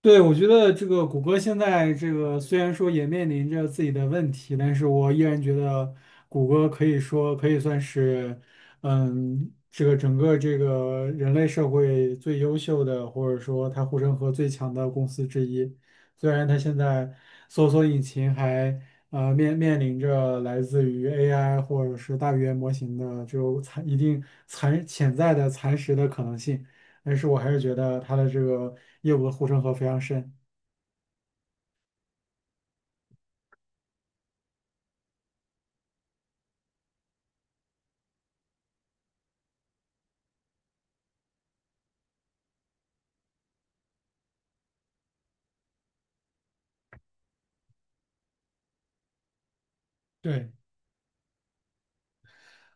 对，我觉得这个谷歌现在这个虽然说也面临着自己的问题，但是我依然觉得谷歌可以说可以算是，这个整个这个人类社会最优秀的，或者说它护城河最强的公司之一。虽然它现在搜索引擎还面临着来自于 AI 或者是大语言模型的这种蚕一定残潜在的蚕食的可能性。但是我还是觉得它的这个业务的护城河非常深。对。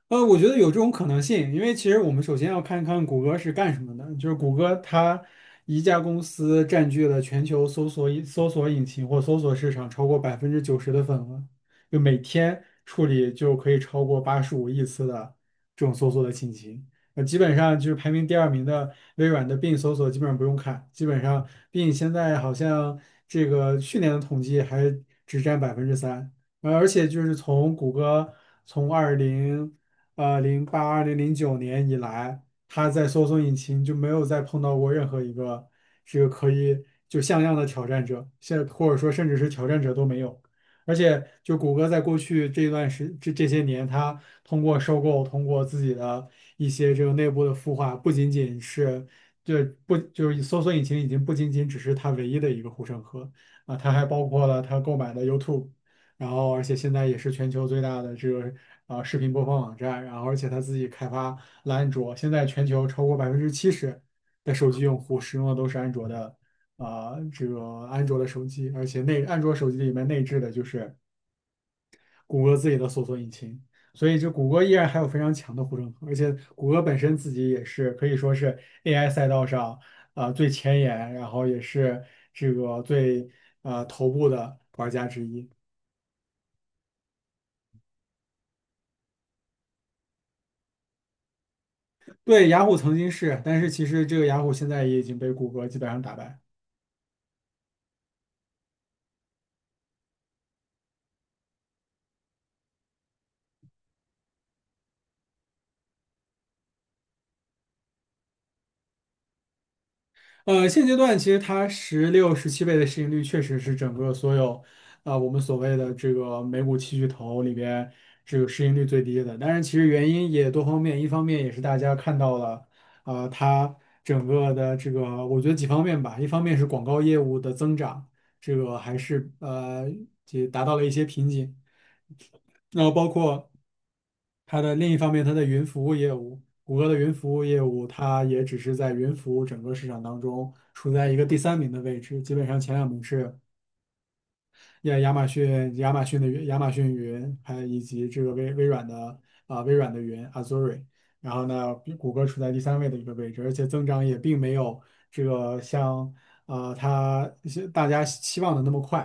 我觉得有这种可能性，因为其实我们首先要看看谷歌是干什么的。就是谷歌它一家公司占据了全球搜索引擎或搜索市场超过90%的份额，就每天处理就可以超过85亿次的这种搜索的信息。基本上就是排名第二名的微软的 Bing 搜索基本上不用看，基本上 Bing 现在好像这个去年的统计还只占3%。而且就是从谷歌从二零零八2009年以来，它在搜索引擎就没有再碰到过任何一个这个可以就像样的挑战者，或者说甚至是挑战者都没有。而且，就谷歌在过去这段这些年，它通过收购，通过自己的一些这个内部的孵化，不仅仅是对不就是搜索引擎已经不仅仅只是它唯一的一个护城河啊，它还包括了它购买的 YouTube。然后而且现在也是全球最大的这个视频播放网站，然后而且它自己开发了安卓，现在全球超过70%的手机用户使用的都是啊、这个安卓的手机，而且安卓手机里面内置的就是谷歌自己的搜索引擎，所以这谷歌依然还有非常强的护城河，而且谷歌本身自己也是可以说是 AI 赛道上啊、最前沿，然后也是这个最头部的玩家之一。对，雅虎曾经是，但是其实这个雅虎现在也已经被谷歌基本上打败。现阶段其实它16、17倍的市盈率确实是整个所有，我们所谓的这个美股七巨头里边这个市盈率最低的。但是其实原因也多方面，一方面也是大家看到了，它整个的这个，我觉得几方面吧，一方面是广告业务的增长，这个还是也达到了一些瓶颈。然后包括它的另一方面，它的云服务业务，谷歌的云服务业务，它也只是在云服务整个市场当中处在一个第三名的位置，基本上前两名是亚马逊亚马逊云，还有以及这个微软的云 Azure。然后呢，比谷歌处在第三位的一个位置，而且增长也并没有这个像它是大家期望的那么快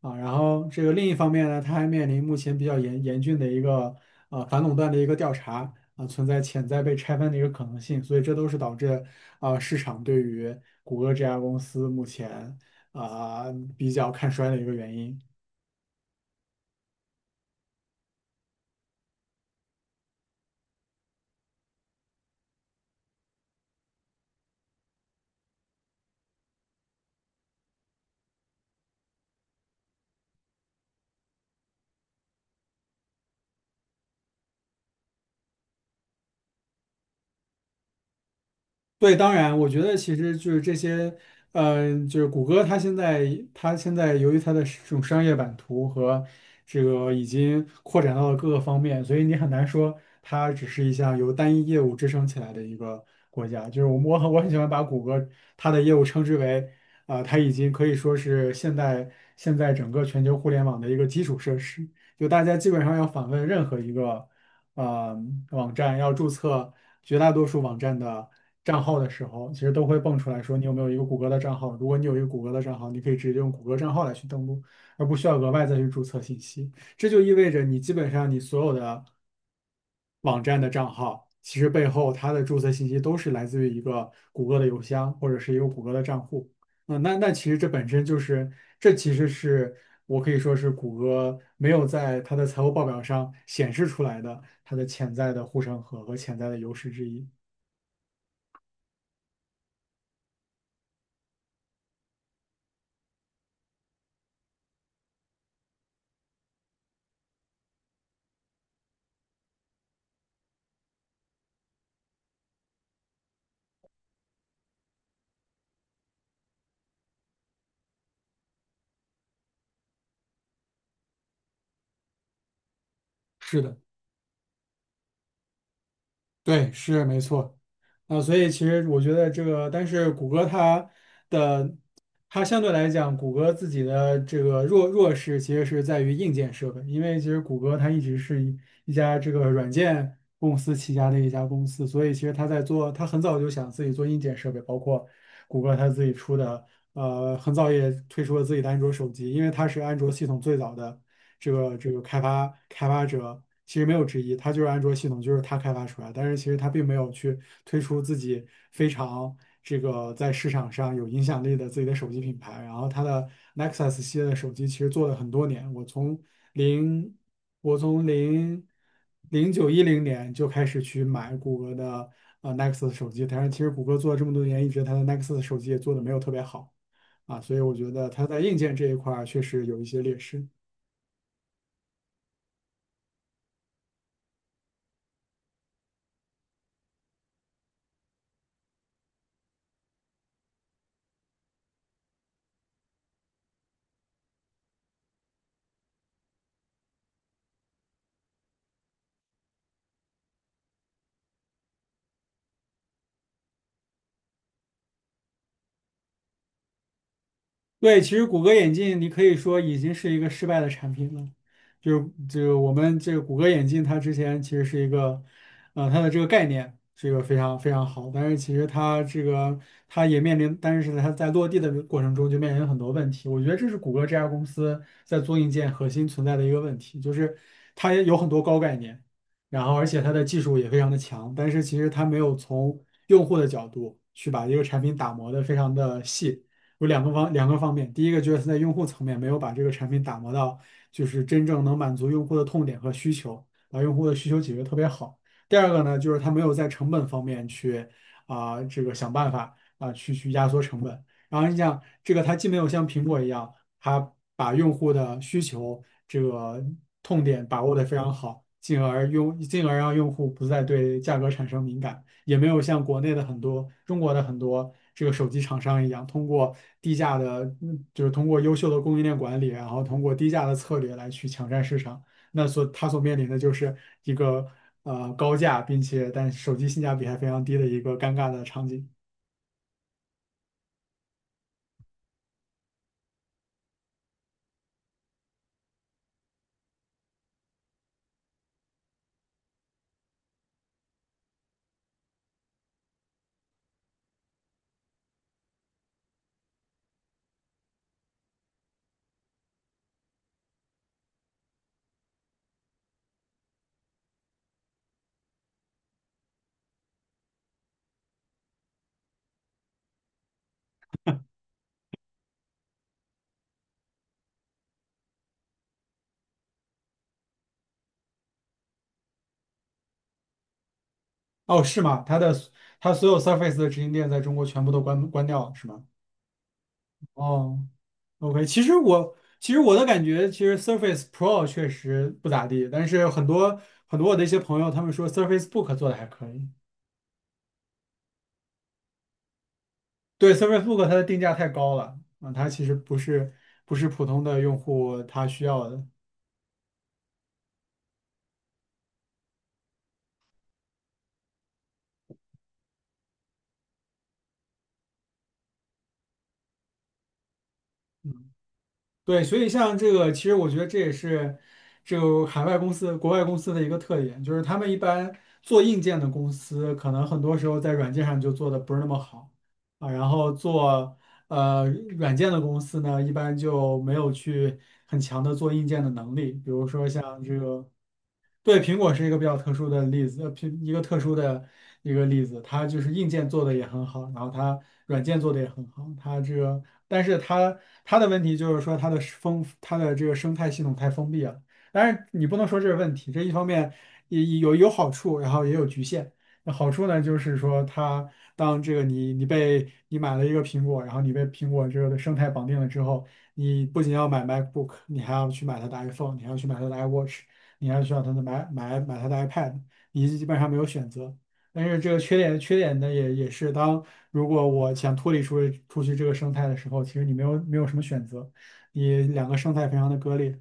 啊。然后这个另一方面呢，它还面临目前比较严峻的一个反垄断的一个调查啊、存在潜在被拆分的一个可能性，所以这都是导致啊、市场对于谷歌这家公司目前啊、比较看衰的一个原因。对，当然，我觉得其实就是这些，就是谷歌，它现在由于它的这种商业版图和这个已经扩展到了各个方面，所以你很难说它只是一项由单一业务支撑起来的一个国家。就是我很喜欢把谷歌它的业务称之为，啊、它已经可以说是现在整个全球互联网的一个基础设施。就大家基本上要访问任何一个。呃网站要注册绝大多数网站的账号的时候，其实都会蹦出来说你有没有一个谷歌的账号。如果你有一个谷歌的账号，你可以直接用谷歌账号来去登录，而不需要额外再去注册信息。这就意味着你基本上你所有的网站的账号，其实背后它的注册信息都是来自于一个谷歌的邮箱或者是一个谷歌的账户。那其实这本身就是，这其实是我可以说是谷歌没有在它的财务报表上显示出来的它的潜在的护城河和潜在的优势之一。是的，对，是没错。啊、所以其实我觉得这个，但是谷歌的它相对来讲，谷歌自己的这个弱势其实是在于硬件设备，因为其实谷歌它一直是一家这个软件公司旗下的一家公司，所以其实它在做，它很早就想自己做硬件设备，包括。谷歌它自己出的，很早也推出了自己的安卓手机，因为它是安卓系统最早的这个这个开发者，其实没有之一，它就是安卓系统就是它开发出来，但是其实它并没有去推出自己非常这个在市场上有影响力的自己的手机品牌。然后它的 Nexus 系列的手机其实做了很多年，零，我从零零九一零年就开始去买谷歌的Nexus 手机，但是其实谷歌做了这么多年，一直它的 Nexus 手机也做的没有特别好啊，所以我觉得它在硬件这一块儿确实有一些劣势。对，其实谷歌眼镜，你可以说已经是一个失败的产品了。就是就是我们这个谷歌眼镜，它之前其实是一个，它的这个概念是一个非常非常好，但是其实它这个它也面临，但是它在落地的过程中就面临很多问题。我觉得这是谷歌这家公司在做硬件核心存在的一个问题，就是它也有很多高概念，然后而且它的技术也非常的强，但是其实它没有从用户的角度去把一个产品打磨的非常的细。有两个方面，第一个就是在用户层面没有把这个产品打磨到，就是真正能满足用户的痛点和需求，把用户的需求解决特别好。第二个呢，就是它没有在成本方面去啊、这个想办法啊、去压缩成本。然后你想，这个它既没有像苹果一样，它把用户的需求这个痛点把握得非常好，进而进而让用户不再对价格产生敏感。也没有像国内的很多中国的很多这个手机厂商一样，通过低价的，就是通过优秀的供应链管理，然后通过低价的策略来去抢占市场。它所面临的就是一个高价，并且手机性价比还非常低的一个尴尬的场景。哦，是吗？它所有 Surface 的直营店在中国全部都关掉了，是吗？哦。OK，其实我的感觉，其实 Surface Pro 确实不咋地，但是很多我的一些朋友，他们说 Surface Book 做的还可以。对，Surface Book 它的定价太高了，啊，它其实不是不是普通的用户他需要的。嗯对，所以像这个，其实我觉得这也是这个海外公司、国外公司的一个特点，就是他们一般做硬件的公司，可能很多时候在软件上就做的不是那么好啊，然后做呃软件的公司呢，一般就没有去很强的做硬件的能力，比如说像这个对，苹果是一个比较特殊的例子，一个特殊的一个例子，它就是硬件做的也很好，然后它软件做的也很好，它这个，但是它的问题就是说它的这个生态系统太封闭了。但是你不能说这是问题，这一方面也有好处，然后也有局限。那好处呢，就是说它当这个你买了一个苹果，然后你被苹果这个的生态绑定了之后，你不仅要买 MacBook，你还要去买它的 iPhone，你还要去买它的 iWatch。你还需要他的买他的 iPad，你基本上没有选择。但是这个缺点呢，也也是当如果我想脱离去这个生态的时候，其实你没有什么选择，你两个生态非常的割裂。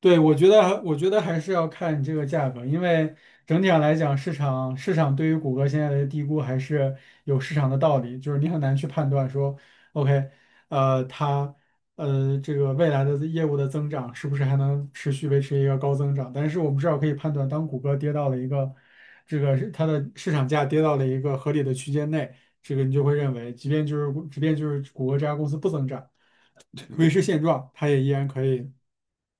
对，我觉得，我觉得还是要看你这个价格，因为整体上来讲，市场对于谷歌现在的低估还是有市场的道理，就是你很难去判断说，OK，它这个未来的业务的增长是不是还能持续维持一个高增长？但是我们至少可以判断，当谷歌跌到了一个这个是它的市场价跌到了一个合理的区间内，这个你就会认为，即便谷歌这家公司不增长。维持现状，它也依然可以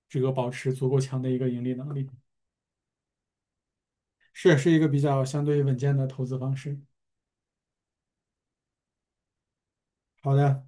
这个保持足够强的一个盈利能力，是一个比较相对稳健的投资方式。好的。